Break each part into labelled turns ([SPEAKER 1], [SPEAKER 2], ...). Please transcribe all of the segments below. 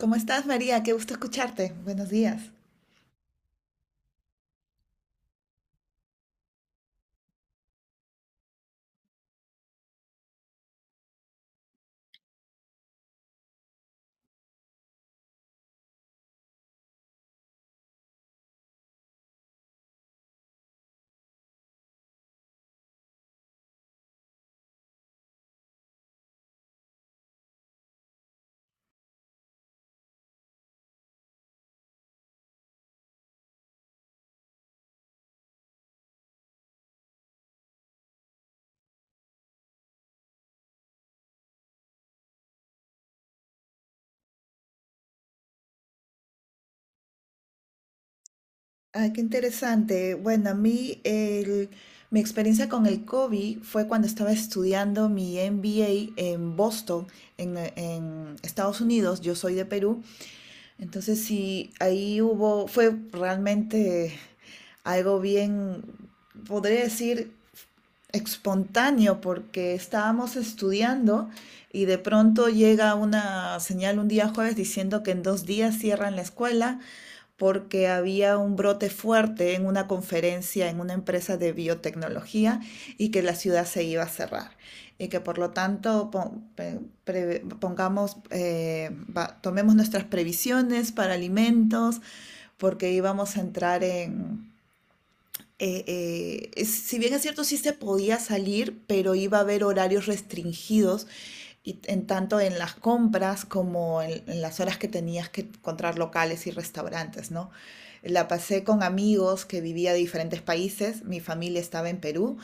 [SPEAKER 1] ¿Cómo estás, María? Qué gusto escucharte. Buenos días. Ah, qué interesante. Bueno, a mí mi experiencia con el COVID fue cuando estaba estudiando mi MBA en Boston, en Estados Unidos. Yo soy de Perú. Entonces, sí, ahí hubo, fue realmente algo bien, podría decir, espontáneo, porque estábamos estudiando y de pronto llega una señal un día jueves diciendo que en dos días cierran la escuela porque había un brote fuerte en una conferencia en una empresa de biotecnología y que la ciudad se iba a cerrar y que por lo tanto pongamos, tomemos nuestras previsiones para alimentos porque íbamos a entrar en si bien es cierto, sí se podía salir, pero iba a haber horarios restringidos y en tanto en las compras como en las horas que tenías que encontrar locales y restaurantes, ¿no? La pasé con amigos que vivía de diferentes países, mi familia estaba en Perú.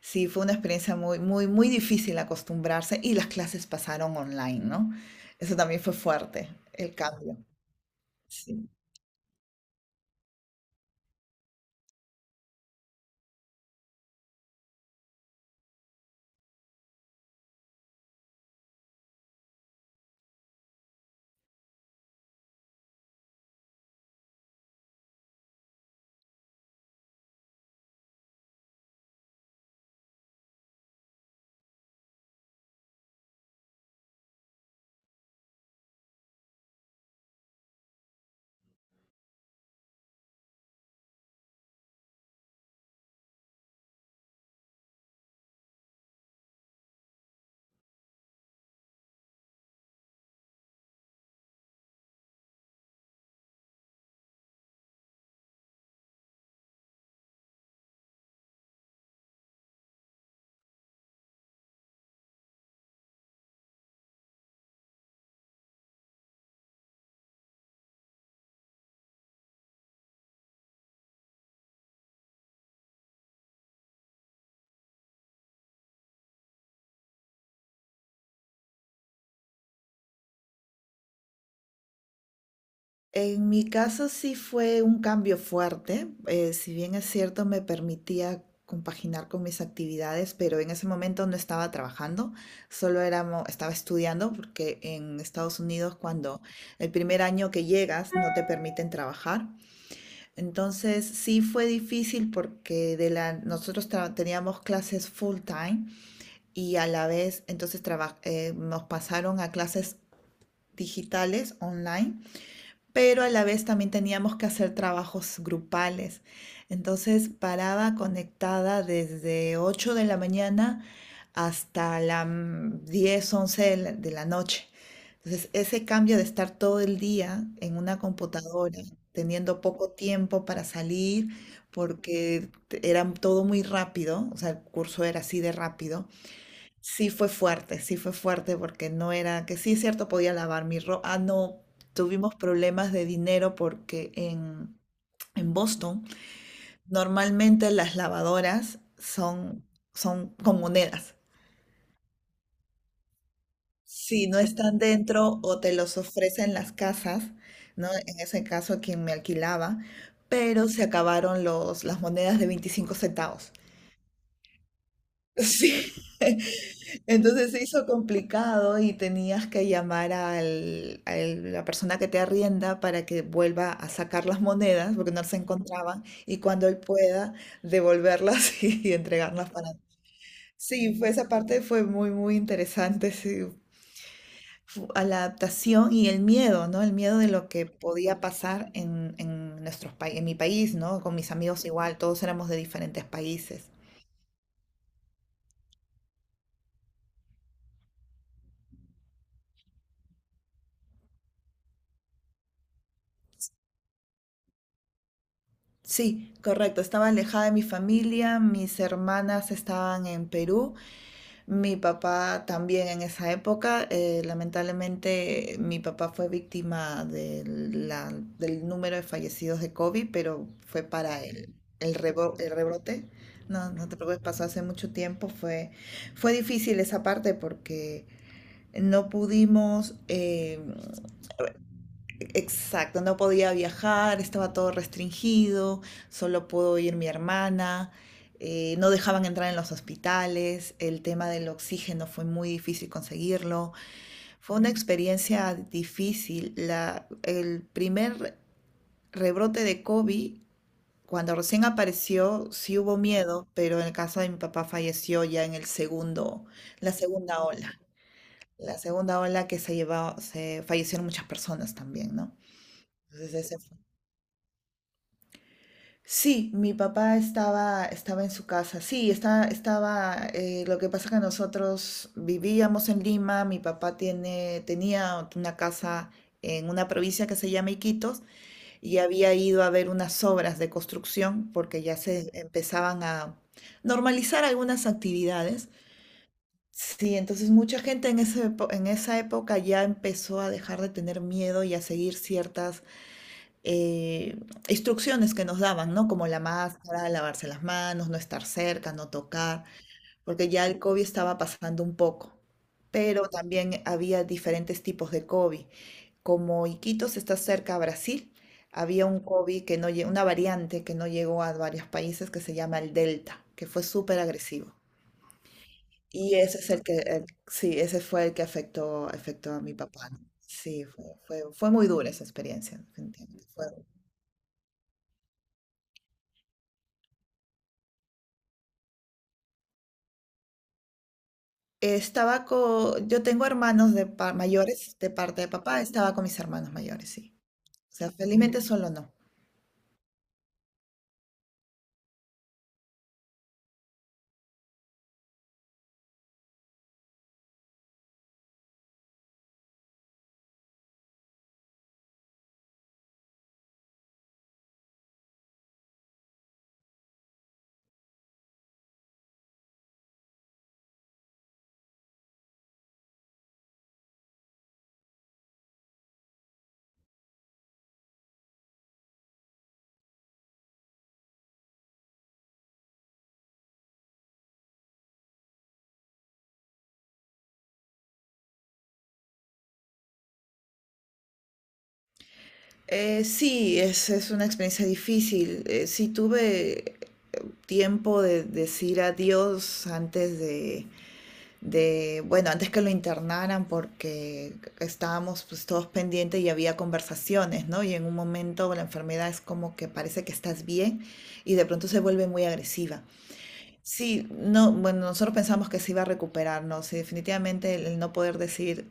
[SPEAKER 1] Sí, fue una experiencia muy, muy, muy difícil acostumbrarse, y las clases pasaron online, ¿no? Eso también fue fuerte, el cambio. Sí. En mi caso sí fue un cambio fuerte. Si bien es cierto me permitía compaginar con mis actividades, pero en ese momento no estaba trabajando, solo era, estaba estudiando, porque en Estados Unidos cuando el primer año que llegas no te permiten trabajar. Entonces sí fue difícil porque de la, nosotros teníamos clases full time y a la vez entonces nos pasaron a clases digitales online, pero a la vez también teníamos que hacer trabajos grupales. Entonces paraba conectada desde 8 de la mañana hasta las 10 11 de la noche. Entonces ese cambio de estar todo el día en una computadora, teniendo poco tiempo para salir, porque era todo muy rápido, o sea, el curso era así de rápido. Sí fue fuerte, sí fue fuerte, porque no era, que sí es cierto, podía lavar mi ropa. Ah, no, tuvimos problemas de dinero porque en Boston normalmente las lavadoras son, son con monedas. Si no están dentro o te los ofrecen las casas, ¿no? En ese caso quien me alquilaba, pero se acabaron los, las monedas de 25 centavos. Sí, entonces se hizo complicado y tenías que llamar al, a la persona que te arrienda para que vuelva a sacar las monedas porque no se encontraban, y cuando él pueda devolverlas y entregarlas para... Sí, fue, esa parte fue muy, muy interesante, sí. A la adaptación y el miedo, ¿no? El miedo de lo que podía pasar en nuestros países, en mi país, ¿no? Con mis amigos igual, todos éramos de diferentes países. Sí, correcto. Estaba alejada de mi familia, mis hermanas estaban en Perú, mi papá también en esa época. Lamentablemente mi papá fue víctima del número de fallecidos de COVID, pero fue para el rebrote. No, no te preocupes, pasó hace mucho tiempo. Fue, fue difícil esa parte porque no pudimos... Exacto, no podía viajar, estaba todo restringido, solo pudo ir mi hermana. No dejaban entrar en los hospitales, el tema del oxígeno fue muy difícil conseguirlo, fue una experiencia difícil. La, el primer rebrote de COVID, cuando recién apareció, sí hubo miedo, pero en el caso de mi papá falleció ya en el segundo, la segunda ola. La segunda ola que se llevó, se fallecieron muchas personas también, ¿no? Entonces ese... Sí, mi papá estaba, estaba en su casa. Sí, está, estaba. Lo que pasa es que nosotros vivíamos en Lima. Mi papá tiene, tenía una casa en una provincia que se llama Iquitos, y había ido a ver unas obras de construcción porque ya se empezaban a normalizar algunas actividades. Sí, entonces mucha gente en en esa época ya empezó a dejar de tener miedo y a seguir ciertas eh, instrucciones que nos daban, ¿no? Como la máscara, lavarse las manos, no estar cerca, no tocar, porque ya el COVID estaba pasando un poco. Pero también había diferentes tipos de COVID. Como Iquitos está cerca a Brasil, había un COVID que no lle- una variante que no llegó a varios países que se llama el Delta, que fue súper agresivo. Y ese es el que, sí, ese fue el que afectó, afectó a mi papá, ¿no? Sí, fue, fue, fue muy dura esa experiencia, definitivamente. Fue... Estaba con, yo tengo hermanos mayores de parte de papá, estaba con mis hermanos mayores, sí. O sea, felizmente solo no. Sí, es una experiencia difícil. Sí tuve tiempo de decir adiós antes de, bueno, antes que lo internaran, porque estábamos pues todos pendientes y había conversaciones, ¿no? Y en un momento la enfermedad es como que parece que estás bien y de pronto se vuelve muy agresiva. Sí, no, bueno, nosotros pensamos que se iba a recuperar, no, sí, definitivamente el no poder decir,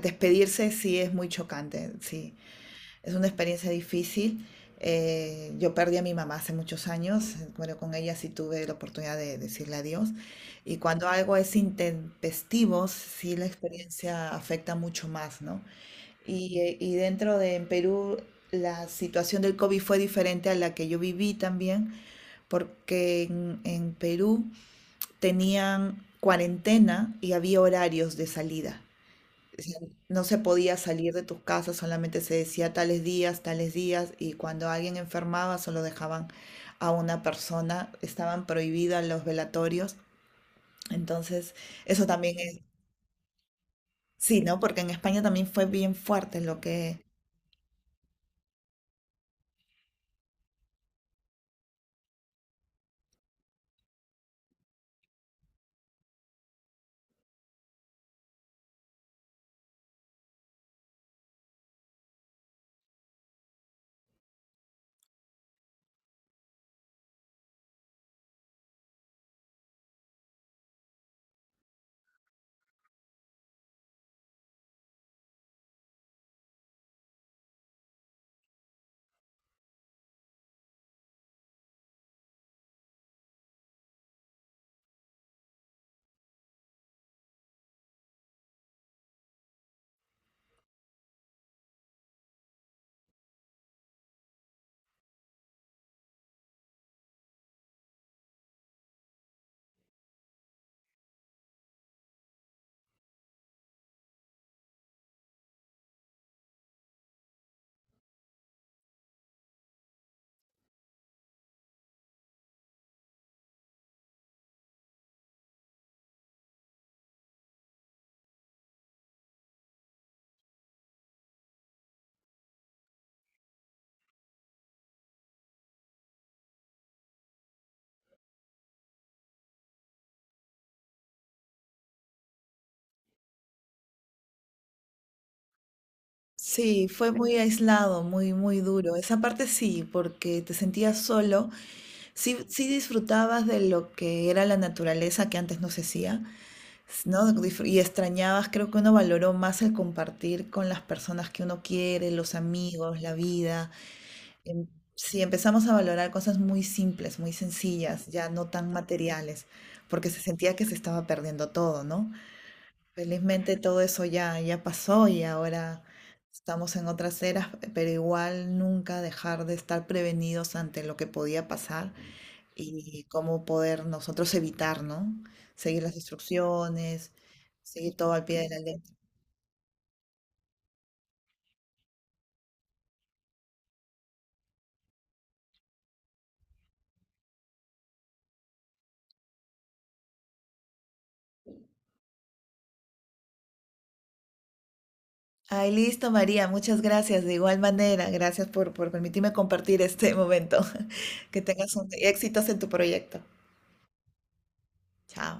[SPEAKER 1] despedirse sí es muy chocante, sí, es una experiencia difícil. Yo perdí a mi mamá hace muchos años, bueno, con ella sí tuve la oportunidad de decirle adiós, y cuando algo es intempestivo, sí la experiencia afecta mucho más, ¿no? Y dentro de en Perú, la situación del COVID fue diferente a la que yo viví también, porque en Perú tenían cuarentena y había horarios de salida. O sea, no se podía salir de tus casas, solamente se decía tales días, y cuando alguien enfermaba solo dejaban a una persona, estaban prohibidas los velatorios. Entonces, eso también es, sí, ¿no? Porque en España también fue bien fuerte lo que... Sí, fue muy aislado, muy, muy duro. Esa parte sí, porque te sentías solo. Sí, sí disfrutabas de lo que era la naturaleza que antes no se hacía, ¿no? Y extrañabas, creo que uno valoró más el compartir con las personas que uno quiere, los amigos, la vida. Em, Sí, empezamos a valorar cosas muy simples, muy sencillas, ya no tan materiales, porque se sentía que se estaba perdiendo todo, ¿no? Felizmente todo eso ya, ya pasó y ahora estamos en otras eras, pero igual nunca dejar de estar prevenidos ante lo que podía pasar y cómo poder nosotros evitar, ¿no? Seguir las instrucciones, seguir todo al pie de la letra. Ay, listo, María, muchas gracias. De igual manera, gracias por permitirme compartir este momento. Que tengas un, éxitos en tu proyecto. Chao.